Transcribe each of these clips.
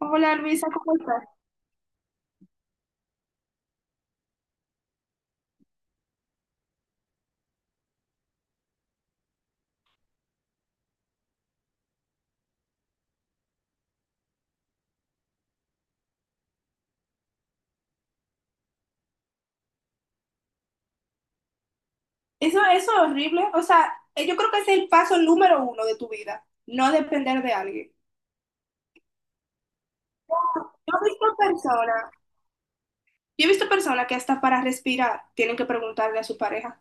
Hola Luisa, ¿cómo estás? Eso es horrible. O sea, yo creo que ese es el paso número 1 de tu vida, no depender de alguien. Yo he visto personas, yo he visto personas que hasta para respirar tienen que preguntarle a su pareja.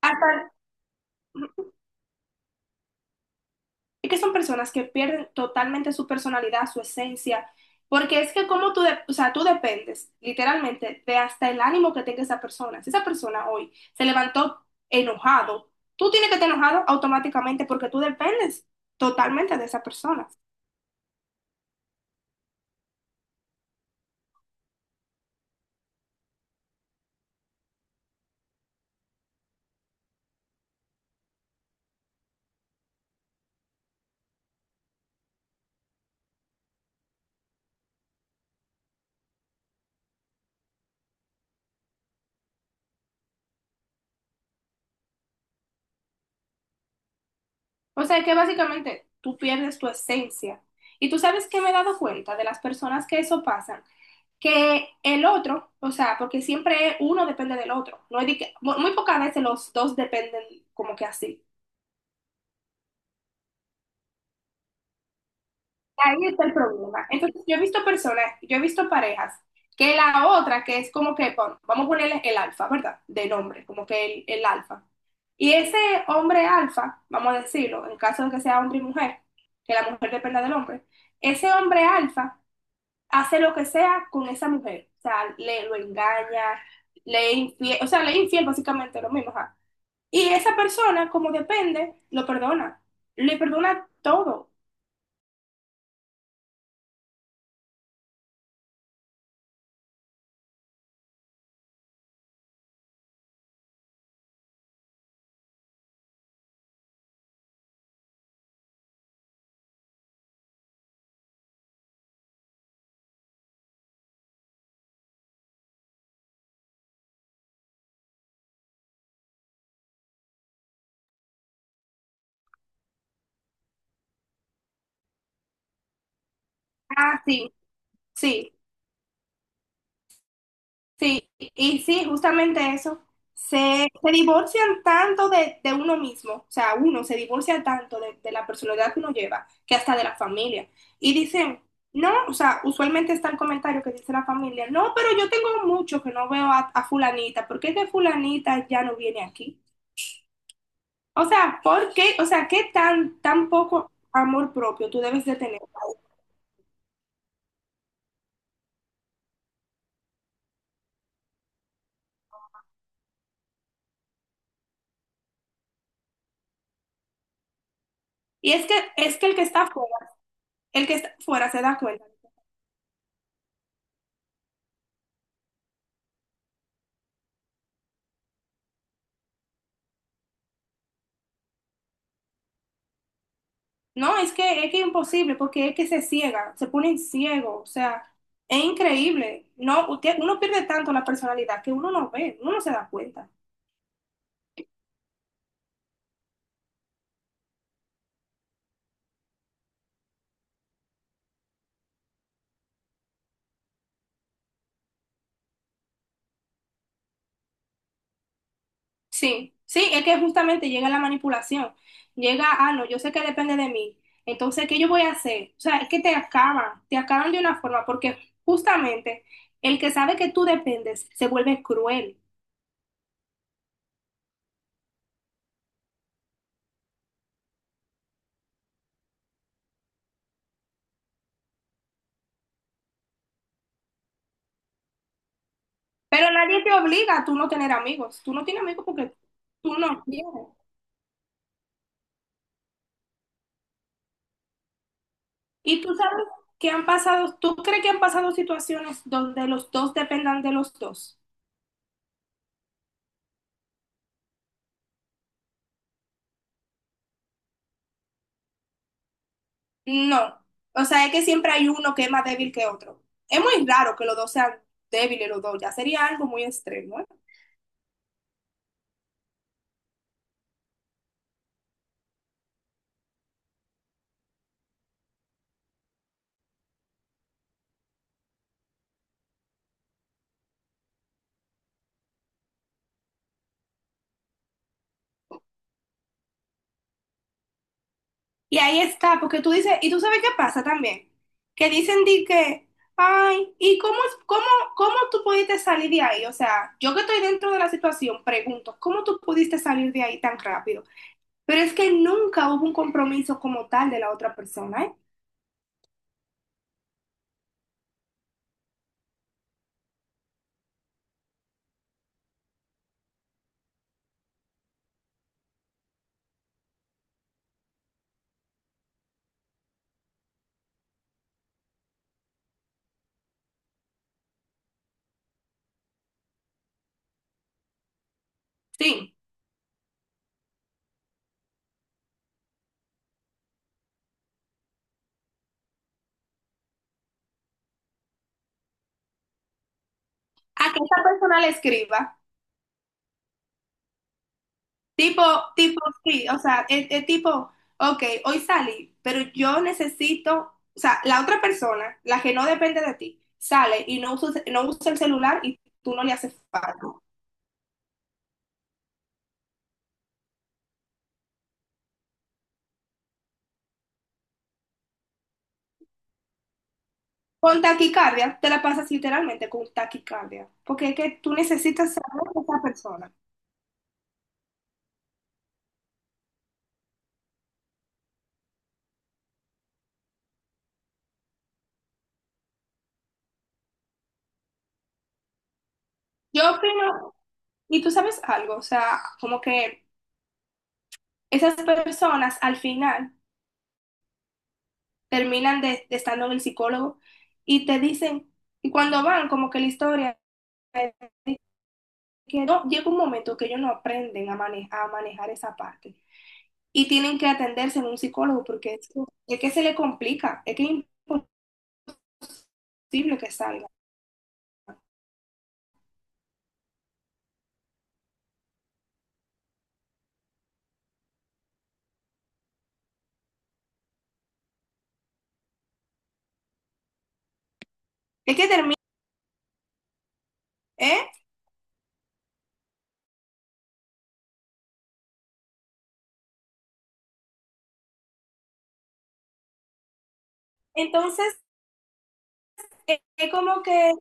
Hasta, y que son personas que pierden totalmente su personalidad, su esencia, porque es que como tú, o sea, tú dependes literalmente de hasta el ánimo que tenga esa persona. Si esa persona hoy se levantó enojado, tú tienes que estar enojado automáticamente porque tú dependes totalmente de esa persona. O sea que básicamente tú pierdes tu esencia. Y tú sabes que me he dado cuenta de las personas que eso pasan, que el otro, o sea, porque siempre uno depende del otro, no es muy pocas veces los dos dependen como que así. Ahí está el problema. Entonces, yo he visto personas, yo he visto parejas, que la otra, que es como que, bueno, vamos a ponerle el alfa, ¿verdad? De nombre, como que el alfa. Y ese hombre alfa, vamos a decirlo, en caso de que sea hombre y mujer, que la mujer dependa del hombre, ese hombre alfa hace lo que sea con esa mujer. O sea, le lo engaña, le es infiel, o sea, le es infiel básicamente lo mismo. Ajá. Y esa persona, como depende, lo perdona. Le perdona todo. Ah, sí, sí. Sí, y sí, justamente eso. Se, se divorcian tanto de uno mismo, o sea, uno se divorcia tanto de la personalidad que uno lleva, que hasta de la familia. Y dicen, no, o sea, usualmente está el comentario que dice la familia, no, pero yo tengo mucho que no veo a fulanita, ¿por qué es que fulanita ya no viene aquí? O sea, ¿por qué? O sea, ¿qué tan, tan poco amor propio tú debes de tener? Y es que el que está fuera, el que está fuera se da cuenta. No, es que es imposible, porque es que se ciega, se ponen ciego, o sea, es increíble. No, uno pierde tanto la personalidad que uno no ve, uno no se da cuenta. Sí, sí, es que justamente llega la manipulación, llega, ah, no, yo sé que depende de mí, entonces, ¿qué yo voy a hacer? O sea, es que te acaban de una forma, porque justamente el que sabe que tú dependes se vuelve cruel, pero nadie te obliga a tú no tener amigos, tú no tienes amigos porque tú no. Y tú sabes que han pasado, ¿tú crees que han pasado situaciones donde los dos dependan de los dos? No. O sea, es que siempre hay uno que es más débil que otro. Es muy raro que los dos sean débiles los dos, ya sería algo muy extremo, ¿eh? Y ahí está, porque tú dices, y tú sabes qué pasa también, que dicen di que, ay, ¿ cómo, cómo tú pudiste salir de ahí? O sea, yo que estoy dentro de la situación, pregunto, ¿cómo tú pudiste salir de ahí tan rápido? Pero es que nunca hubo un compromiso como tal de la otra persona, ¿eh? Sí, a que esa persona le escriba. Tipo, tipo, sí, o sea, es tipo, ok, hoy salí, pero yo necesito, o sea, la otra persona, la que no depende de ti, sale y no usa, no usa el celular y tú no le haces falta. Con taquicardia, te la pasas literalmente con taquicardia, porque es que tú necesitas saber de esa persona. Yo opino, y tú sabes algo, o sea, como que esas personas al final terminan de estando en el psicólogo y te dicen, y cuando van, como que la historia, eh, que no, llega un momento que ellos no aprenden a, a manejar esa parte y tienen que atenderse en un psicólogo porque es que se le complica, es que es imposible que salga, es que termina, ¿eh? Entonces, es como que...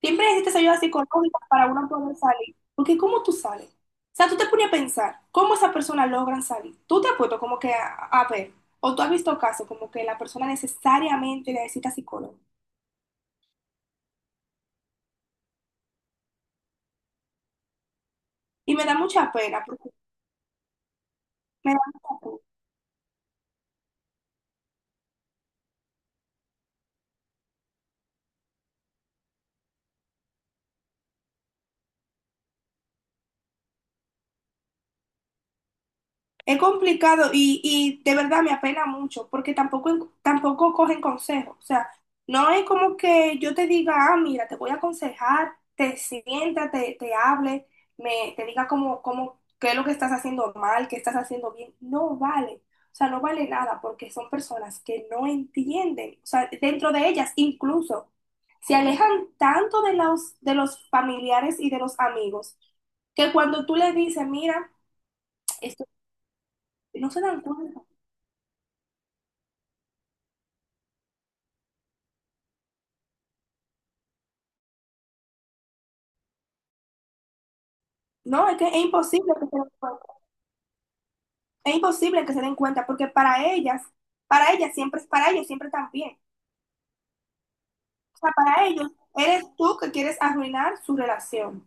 Siempre necesitas ayuda psicológica para uno poder salir. Porque ¿cómo tú sales? O sea, tú te pones a pensar, ¿cómo esas personas logran salir? Tú te has puesto como que a ver, o tú has visto casos como que la persona necesariamente necesita psicólogo. Y me da mucha pena, porque me da mucha pena. Es complicado y de verdad me apena mucho porque tampoco, tampoco cogen consejos. O sea, no es como que yo te diga, ah, mira, te voy a aconsejar, te sienta, te hable, me, te diga cómo, cómo, qué es lo que estás haciendo mal, qué estás haciendo bien. No vale. O sea, no vale nada porque son personas que no entienden. O sea, dentro de ellas incluso se alejan tanto de los familiares y de los amigos que cuando tú le dices, mira, esto, no se dan cuenta. No, es que es imposible que se den cuenta. Es imposible que se den cuenta porque para ellas siempre, para ellos siempre están bien. O sea, para ellos eres tú que quieres arruinar su relación.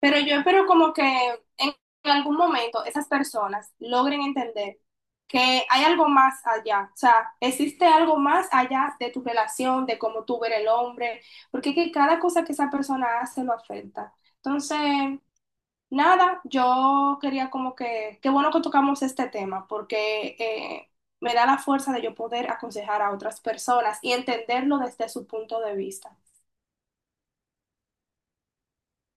Pero yo espero como que en algún momento esas personas logren entender que hay algo más allá, o sea, existe algo más allá de tu relación, de cómo tú eres el hombre, porque es que cada cosa que esa persona hace lo afecta. Entonces, nada, yo quería como que, qué bueno que tocamos este tema, porque me da la fuerza de yo poder aconsejar a otras personas y entenderlo desde su punto de vista.